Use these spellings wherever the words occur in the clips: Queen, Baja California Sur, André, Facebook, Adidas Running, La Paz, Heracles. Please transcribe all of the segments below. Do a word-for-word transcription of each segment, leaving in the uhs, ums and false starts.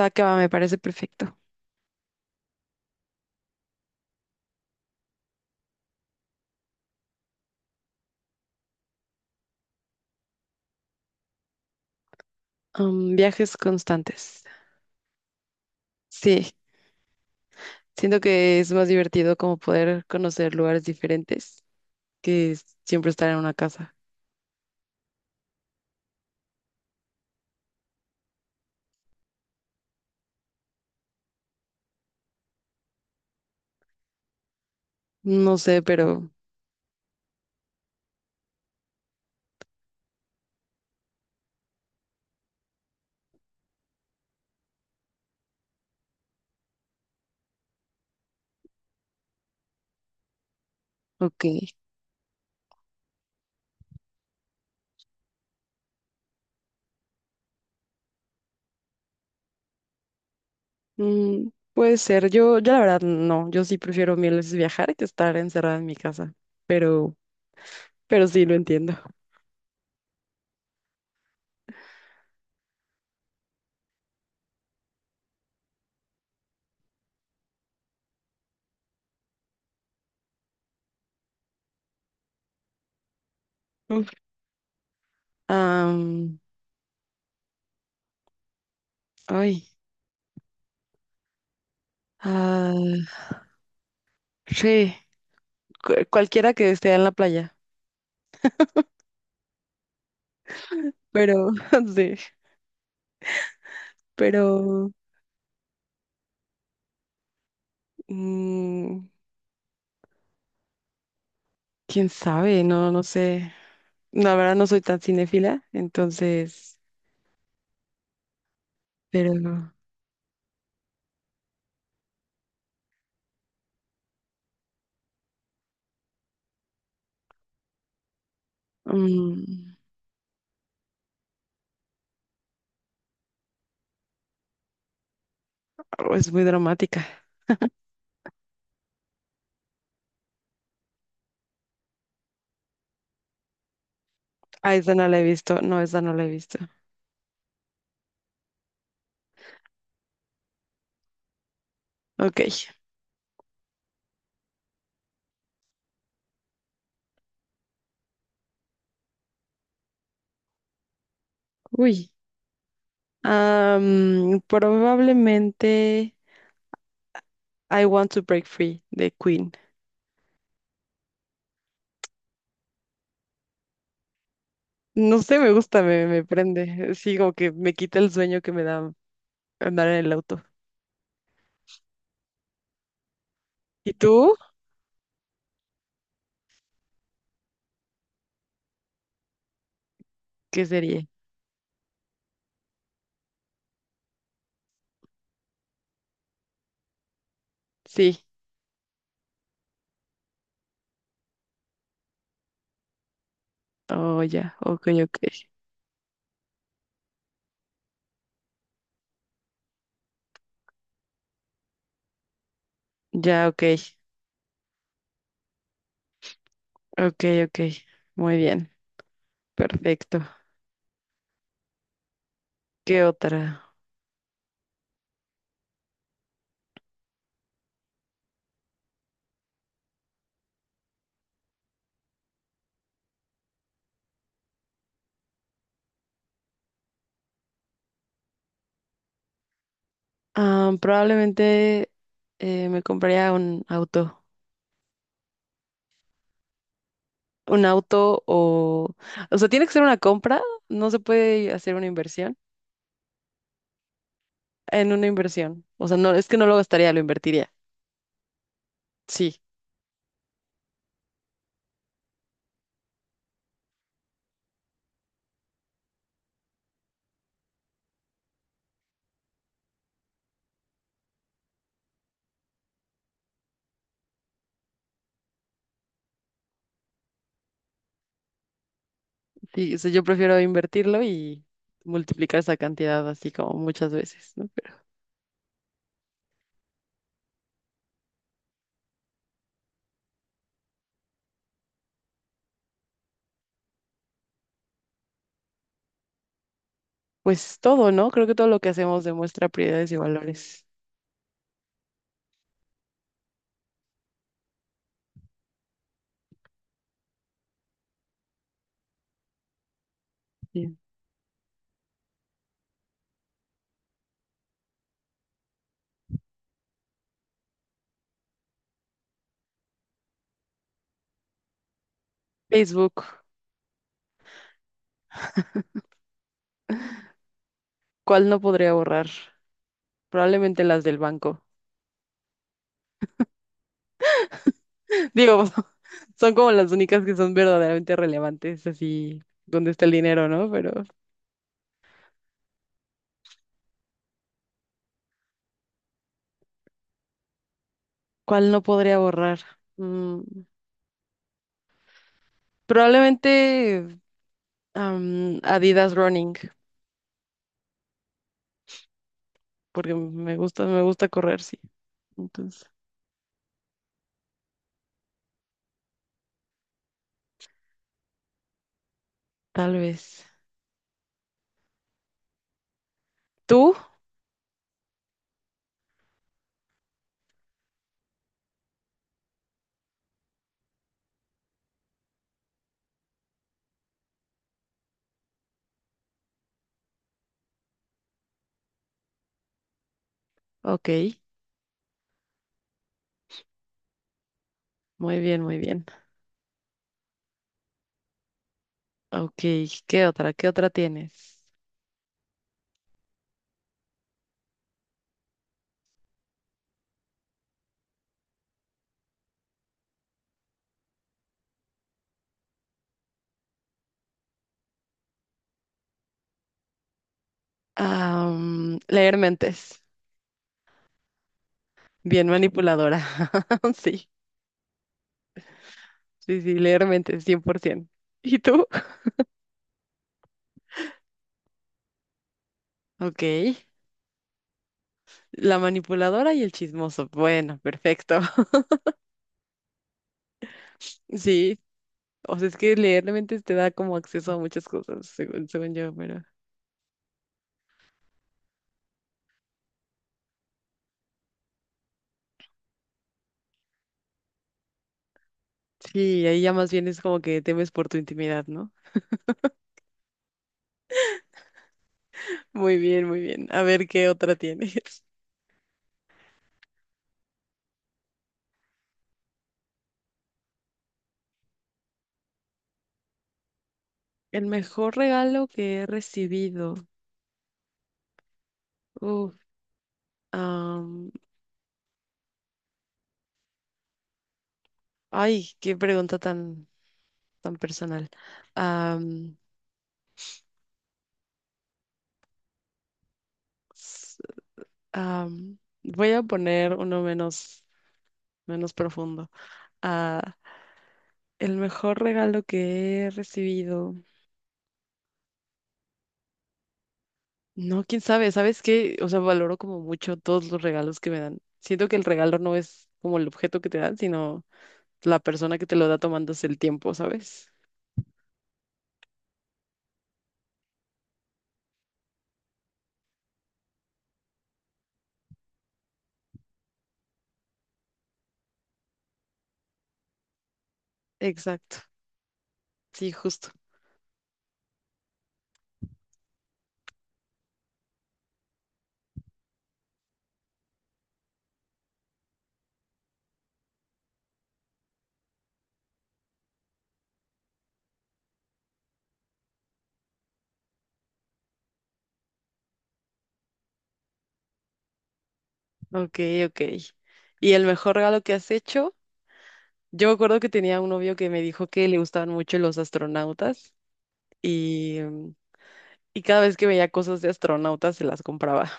Va que va, me parece perfecto. Am, viajes constantes. Sí, siento que es más divertido como poder conocer lugares diferentes que siempre estar en una casa. No sé, pero ok. Mm, puede ser. Yo, yo la verdad no. Yo sí prefiero mil veces viajar que estar encerrada en mi casa. Pero, pero sí lo entiendo. Uf. Am, Ay. Ah, sí, cu- cualquiera que esté en la playa. Pero, sí. Pero. mm, Quién sabe, no, no sé. No, la verdad no soy tan cinéfila, entonces, pero no. mm, oh, es muy dramática. Ah, esa no la he visto, no, esa no la he visto. Ok, uy. Am, probablemente I Want to Break Free de Queen. No sé, me gusta, me, me prende. Sí, como que me quita el sueño que me da andar en el auto. ¿Y tú? ¿Qué sería? Sí. Oh, ya, ok, ok. Ya, ok, ok, ok. Muy bien. Perfecto. ¿Qué otra? Ah, probablemente eh, me compraría un auto. Un auto o... O sea, tiene que ser una compra. No se puede hacer una inversión. En una inversión. O sea, no, es que no lo gastaría, lo invertiría. Sí, sí, o sea, yo prefiero invertirlo y multiplicar esa cantidad así como muchas veces, ¿no? Pero, pues todo, ¿no? Creo que todo lo que hacemos demuestra prioridades y valores. Sí. Facebook, ¿cuál no podría borrar? Probablemente las del banco. Digo, son como las únicas que son verdaderamente relevantes, así donde está el dinero, ¿no? Pero, ¿cuál no podría borrar? Mm, probablemente am, Adidas Running, porque me gusta, me gusta correr, sí. Entonces, tal vez. ¿Tú? Ok, muy bien, muy bien. Ok, ¿qué otra? ¿Qué otra tienes? Am, leer mentes. Bien manipuladora. Sí, sí, sí, leer mentes, cien por ciento. ¿Y tú? Ok. La manipuladora y el chismoso. Bueno, perfecto. Sí, o sea, es que leer la mente te da como acceso a muchas cosas, según, según yo, pero sí, ahí ya más bien es como que temes por tu intimidad, ¿no? Muy bien, muy bien. A ver qué otra tienes. El mejor regalo que he recibido. Uf, am, ay, qué pregunta tan, tan personal. Am, s- am, Voy a poner uno menos. Menos profundo. Ah, el mejor regalo que he recibido. No, quién sabe, ¿sabes qué? O sea, valoro como mucho todos los regalos que me dan. Siento que el regalo no es como el objeto que te dan, sino la persona que te lo da tomándose el tiempo, ¿sabes? Exacto. Sí, justo. Ok, ok. ¿Y el mejor regalo que has hecho? Yo me acuerdo que tenía un novio que me dijo que le gustaban mucho los astronautas y, mm, y cada vez que veía cosas de astronautas se las compraba.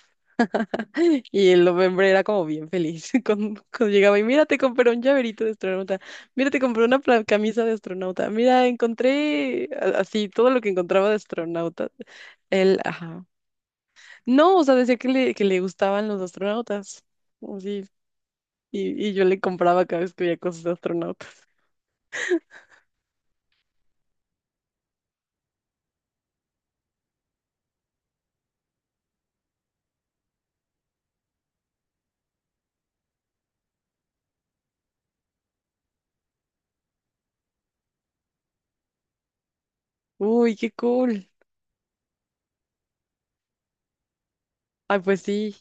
Y el hombre era como bien feliz con- cuando llegaba y mira, te compré un llaverito de astronauta, mira, te compré una pla- camisa de astronauta, mira, encontré a- así todo lo que encontraba de astronauta. Él, ajá. No, o sea, decía que le, que le gustaban los astronautas. Y, y yo le compraba cada vez que veía cosas de astronautas. Uy, qué cool. Ay, pues sí.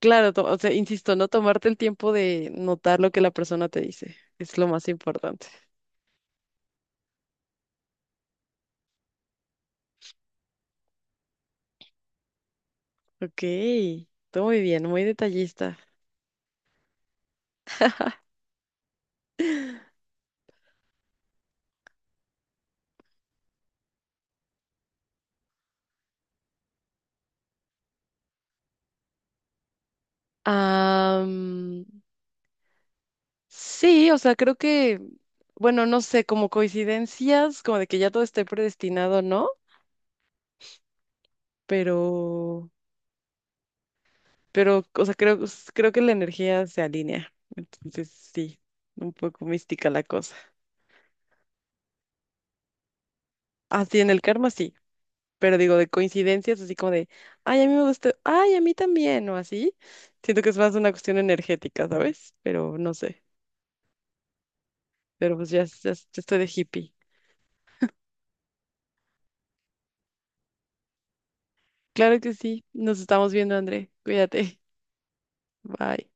Claro, to- o sea, insisto, no tomarte el tiempo de notar lo que la persona te dice. Es lo más importante. Ok, todo muy bien, muy detallista. Am, sí, o sea, creo que, bueno, no sé, como coincidencias, como de que ya todo esté predestinado, ¿no? Pero, pero, o sea, creo, creo que la energía se alinea. Entonces, sí, un poco mística la cosa. Así en el karma sí, pero digo de coincidencias, así como de, ay, a mí me gustó ay, a mí también, o así. Siento que es más una cuestión energética, ¿sabes? Pero no sé, pero pues ya, ya, ya estoy de hippie. Claro que sí, nos estamos viendo, André. Cuídate, bye.